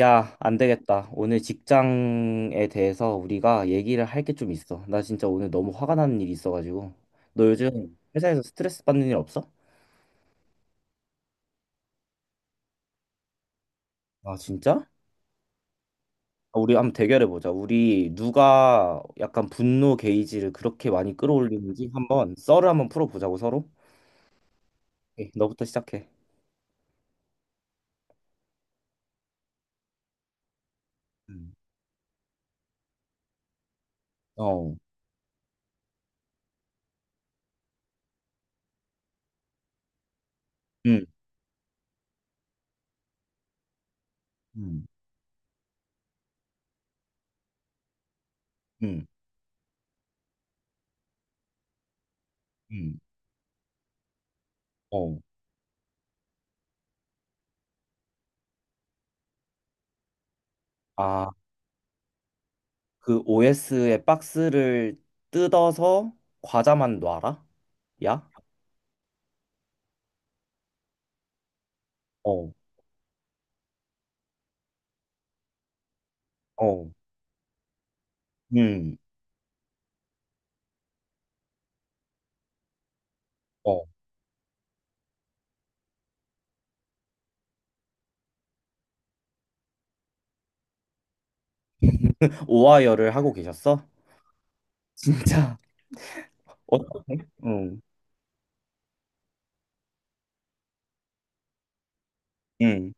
야, 안 되겠다. 오늘 직장에 대해서 우리가 얘기를 할 게 좀 있어. 나 진짜 오늘 너무 화가 나는 일이 있어가지고. 너 요즘 회사에서 스트레스 받는 일 없어? 아, 진짜? 아, 우리 한번 대결해 보자. 우리 누가 약간 분노 게이지를 그렇게 많이 끌어올리는지 한번 썰을 한번 풀어보자고 서로. 오케이, 너부터 시작해. 음, 어, 음, 음, 음, 음. 어. 아, 그 OS의 박스를 뜯어서 과자만 놔라? 야? 어. 어, 음, 어. 오하이어를 하고 계셨어? 진짜? 어, 응, 응,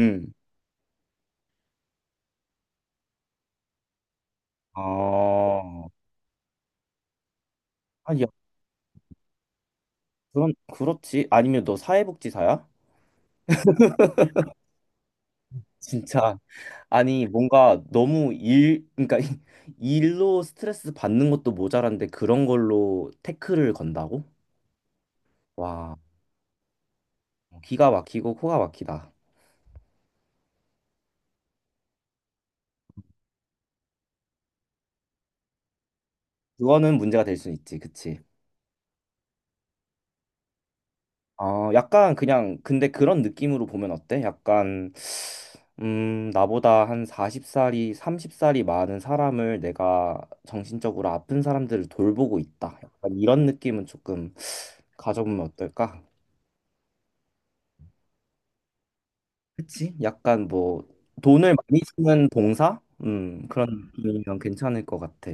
응. 아, 아니, 야, 그렇지. 아니면 너 사회복지사야? 진짜. 아니, 뭔가 너무 일, 그러니까 일로 스트레스 받는 것도 모자란데 그런 걸로 태클을 건다고? 와, 기가 막히고 코가 막히다. 그거는 문제가 될 수 있지, 그치? 아, 약간 그냥 근데 그런 느낌으로 보면 어때? 약간 나보다 한 40살이 30살이 많은 사람을 내가 정신적으로 아픈 사람들을 돌보고 있다. 약간 이런 느낌은 조금 가져보면 어떨까? 그치? 약간 뭐 돈을 많이 쓰는 봉사? 그런 느낌이면 괜찮을 것 같아.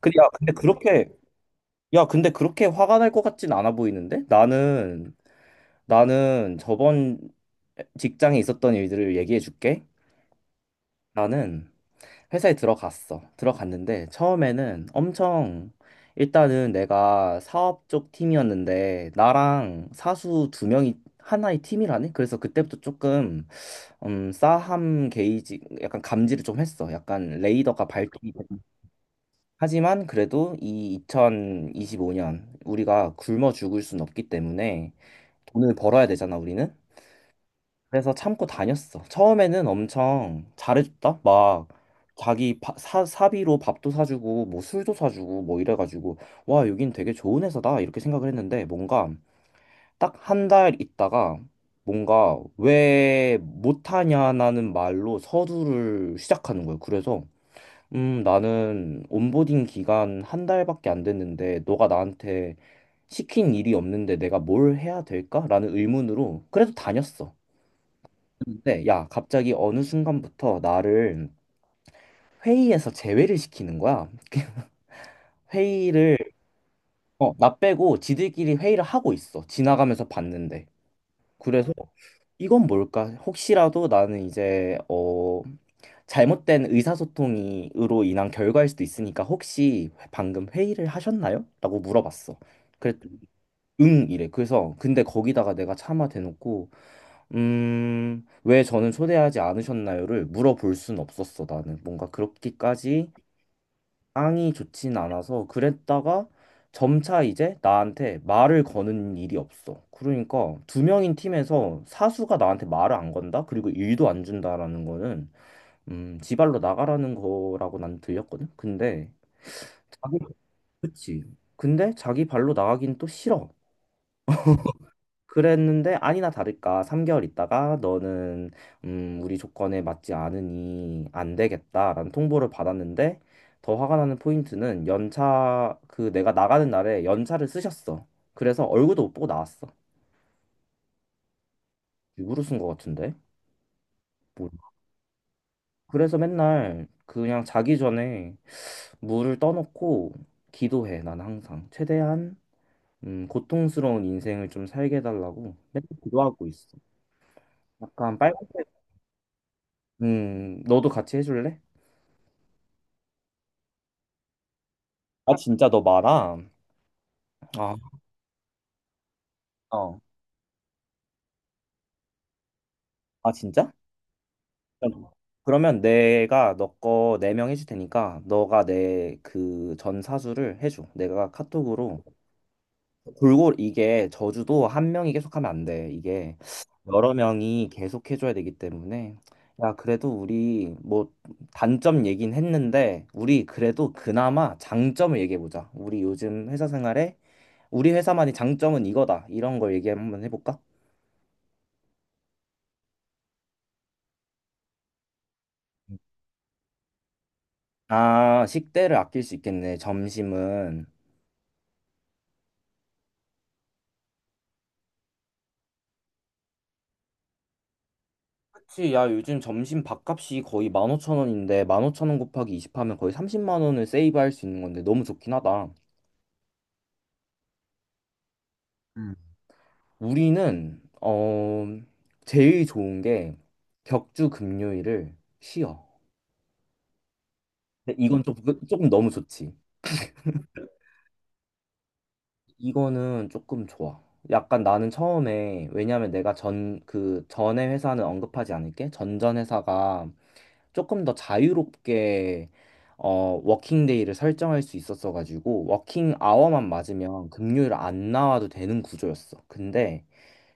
근데 야, 근데 그렇게 야, 근데 그렇게 화가 날 것 같진 않아 보이는데? 나는 저번 직장에 있었던 일들을 얘기해 줄게. 나는 회사에 들어갔어. 들어갔는데 처음에는 엄청 일단은 내가 사업 쪽 팀이었는데 나랑 사수 두 명이 하나의 팀이라네. 그래서 그때부터 조금 싸함 게이지 약간 감지를 좀 했어. 약간 레이더가 밝히 하지만 그래도 이 2025년 우리가 굶어 죽을 순 없기 때문에 돈을 벌어야 되잖아, 우리는. 그래서 참고 다녔어. 처음에는 엄청 잘해줬다. 막 자기 사비로 밥도 사주고 뭐 술도 사주고 뭐 이래가지고 와 여긴 되게 좋은 회사다 이렇게 생각을 했는데 뭔가 딱 한 달 있다가 뭔가 왜 못하냐라는 말로 서두를 시작하는 거예요. 그래서 나는 온보딩 기간 한 달밖에 안 됐는데 너가 나한테 시킨 일이 없는데 내가 뭘 해야 될까라는 의문으로 그래도 다녔어. 근데 야, 갑자기 어느 순간부터 나를 회의에서 제외를 시키는 거야. 회의를 나 빼고 지들끼리 회의를 하고 있어. 지나가면서 봤는데. 그래서 이건 뭘까? 혹시라도 나는 이제 잘못된 의사소통이로 인한 결과일 수도 있으니까 혹시 방금 회의를 하셨나요? 라고 물어봤어. 그랬더니 응 이래. 그래서 근데 거기다가 내가 차마 대놓고 왜 저는 초대하지 않으셨나요를 물어볼 순 없었어, 나는. 뭔가 그렇게까지 앙이 좋진 않아서 그랬다가 점차 이제 나한테 말을 거는 일이 없어. 그러니까 두 명인 팀에서 사수가 나한테 말을 안 건다? 그리고 일도 안 준다라는 거는 지발로 나가라는 거라고 난 들렸거든. 근데 자기 그치. 근데 자기 발로 나가긴 또 싫어. 그랬는데 아니나 다를까 3개월 있다가 너는 우리 조건에 맞지 않으니 안 되겠다라는 통보를 받았는데 더 화가 나는 포인트는 연차 그 내가 나가는 날에 연차를 쓰셨어. 그래서 얼굴도 못 보고 나왔어. 일부러 쓴 것 같은데. 몰라. 그래서 맨날 그냥 자기 전에 물을 떠놓고 기도해. 난 항상 최대한 고통스러운 인생을 좀 살게 해달라고 맨날 기도하고 있어. 약간 빨간색. 너도 같이 해줄래? 아, 진짜 너 많아? 아, 어. 아, 진짜? 그럼- 그러면 내가 너 거 네 명 해줄 테니까 너가 내 그 전 사수를 해줘. 내가 카톡으로 골루 이게 저주도 한 명이 계속 하면 안 돼. 이게 여러 명이 계속 해줘야 되기 때문에 야, 그래도 우리 뭐 단점 얘긴 했는데 우리 그래도 그나마 장점을 얘기해 보자. 우리 요즘 회사 생활에 우리 회사만의 장점은 이거다. 이런 걸 얘기 한번 해볼까? 아, 식대를 아낄 수 있겠네, 점심은. 그치, 야, 요즘 점심 밥값이 거의 15,000원인데, 15,000원 곱하기 20 하면 거의 30만 원을 세이브할 수 있는 건데, 너무 좋긴 하다. 음. 우리는, 제일 좋은 게 격주 금요일을 쉬어. 근데 이건 좀, 조금 너무 좋지. 이거는 조금 좋아. 약간 나는 처음에, 왜냐면 내가 전, 그 전에 회사는 언급하지 않을게. 전전 회사가 조금 더 자유롭게 워킹데이를 설정할 수 있었어 가지고 워킹 아워만 맞으면 금요일 안 나와도 되는 구조였어. 근데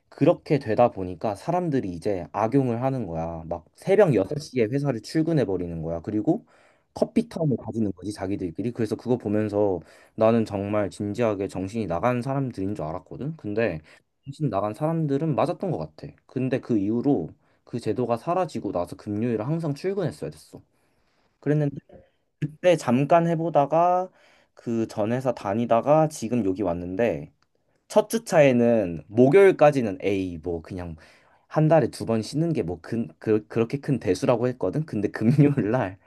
그렇게 되다 보니까 사람들이 이제 악용을 하는 거야. 막 새벽 6시에 회사를 출근해 버리는 거야. 그리고 커피 타임을 가지는 거지, 자기들끼리. 그래서 그거 보면서 나는 정말 진지하게 정신이 나간 사람들인 줄 알았거든. 근데 정신 나간 사람들은 맞았던 것 같아. 근데 그 이후로 그 제도가 사라지고 나서 금요일에 항상 출근했어야 됐어. 그랬는데 그때 잠깐 해보다가 그 전 회사 다니다가 지금 여기 왔는데 첫 주차에는 목요일까지는 에이 뭐 그냥 한 달에 두 번 쉬는 게 뭐 그렇게 큰 대수라고 했거든. 근데 금요일 날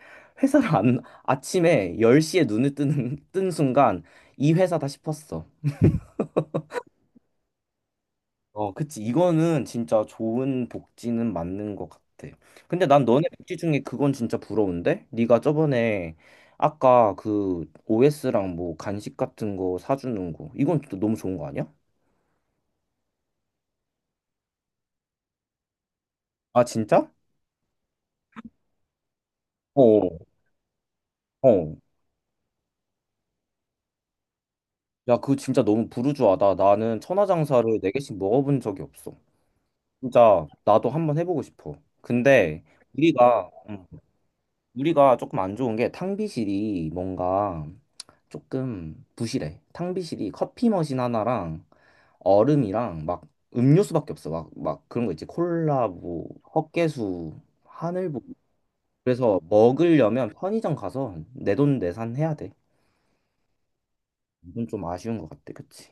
회사를 안 아침에 10시에 눈을 뜨는 뜬 순간 이 회사다 싶었어. 어, 그치. 이거는 진짜 좋은 복지는 맞는 것 같아. 근데 난 너네 복지 중에 그건 진짜 부러운데? 네가 저번에 아까 그 OS랑 뭐 간식 같은 거 사주는 거. 이건 또 너무 좋은 거 아니야? 아, 진짜? 어, 어. 야, 그거 진짜 너무 부르주아다. 나는 천하장사를 네개씩 먹어본 적이 없어. 진짜 나도 한번 해보고 싶어. 근데 우리가, 음, 우리가 조금 안 좋은 게 탕비실이 뭔가 조금 부실해. 탕비실이 커피 머신 하나랑 얼음이랑 막 음료수밖에 없어. 막 그런 거 있지. 콜라, 뭐, 헛개수, 하늘보. 그래서 먹으려면 편의점 가서 내돈 내산 해야 돼. 이건 좀 아쉬운 것 같아. 그치?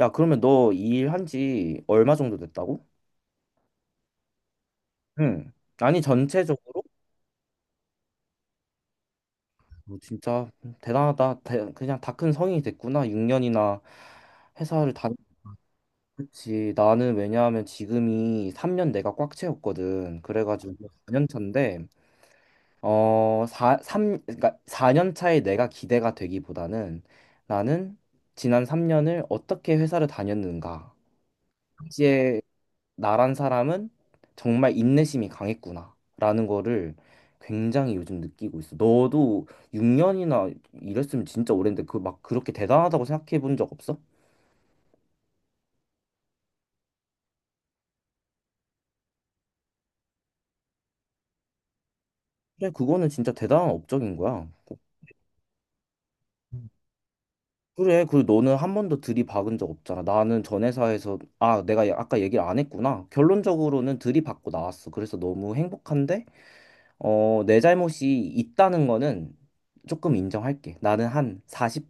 야, 그러면 너 이 일 한지 얼마 정도 됐다고? 응. 아니, 전체적으로? 어, 진짜 대단하다. 그냥 다 큰 성인이 됐구나. 6년이나 회사를 다녔 그치, 나는 왜냐하면 지금이 3년 내가 꽉 채웠거든. 그래가지고 4년 차인데, 4, 삼 그러니까 4년 차에 내가 기대가 되기보다는 나는 지난 3년을 어떻게 회사를 다녔는가. 이제 나란 사람은 정말 인내심이 강했구나. 라는 거를 굉장히 요즘 느끼고 있어. 너도 6년이나 일했으면 진짜 오랜데 그 막 그렇게 대단하다고 생각해 본 적 없어? 그래, 그거는 진짜 대단한 업적인 거야. 그래, 그리고 너는 한 번도 들이박은 적 없잖아. 나는 전 회사에서, 아, 내가 아까 얘기를 안 했구나. 결론적으로는 들이박고 나왔어. 그래서 너무 행복한데, 어, 내 잘못이 있다는 거는 조금 인정할게. 나는 한 40,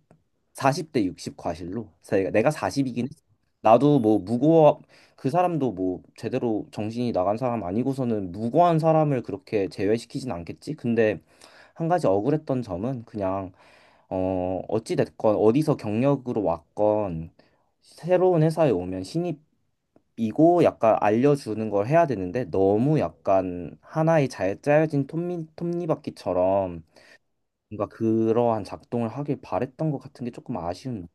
사십 대60 과실로. 내가 40이긴 했어. 나도 뭐 무고한, 그 사람도 뭐 제대로 정신이 나간 사람 아니고서는 무고한 사람을 그렇게 제외시키진 않겠지? 근데 한 가지 억울했던 점은 그냥 어찌 됐건 어디서 경력으로 왔건 새로운 회사에 오면 신입이고 약간 알려주는 걸 해야 되는데 너무 약간 하나의 잘 짜여진 톱니, 톱니바퀴처럼 뭔가 그러한 작동을 하길 바랬던 것 같은 게 조금 아쉬운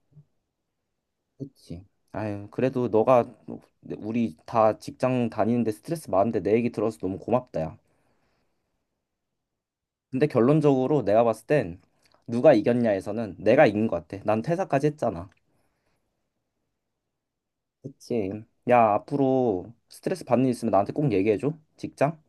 그치? 아유 그래도 너가 네, 우리 다 직장 다니는데 스트레스 많은데 내 얘기 들어서 너무 고맙다 야 근데 결론적으로 내가 봤을 땐 누가 이겼냐에서는 내가 이긴 것 같아 난 퇴사까지 했잖아 그치. 야, 앞으로 스트레스 받는 일 있으면 나한테 꼭 얘기해줘. 직장?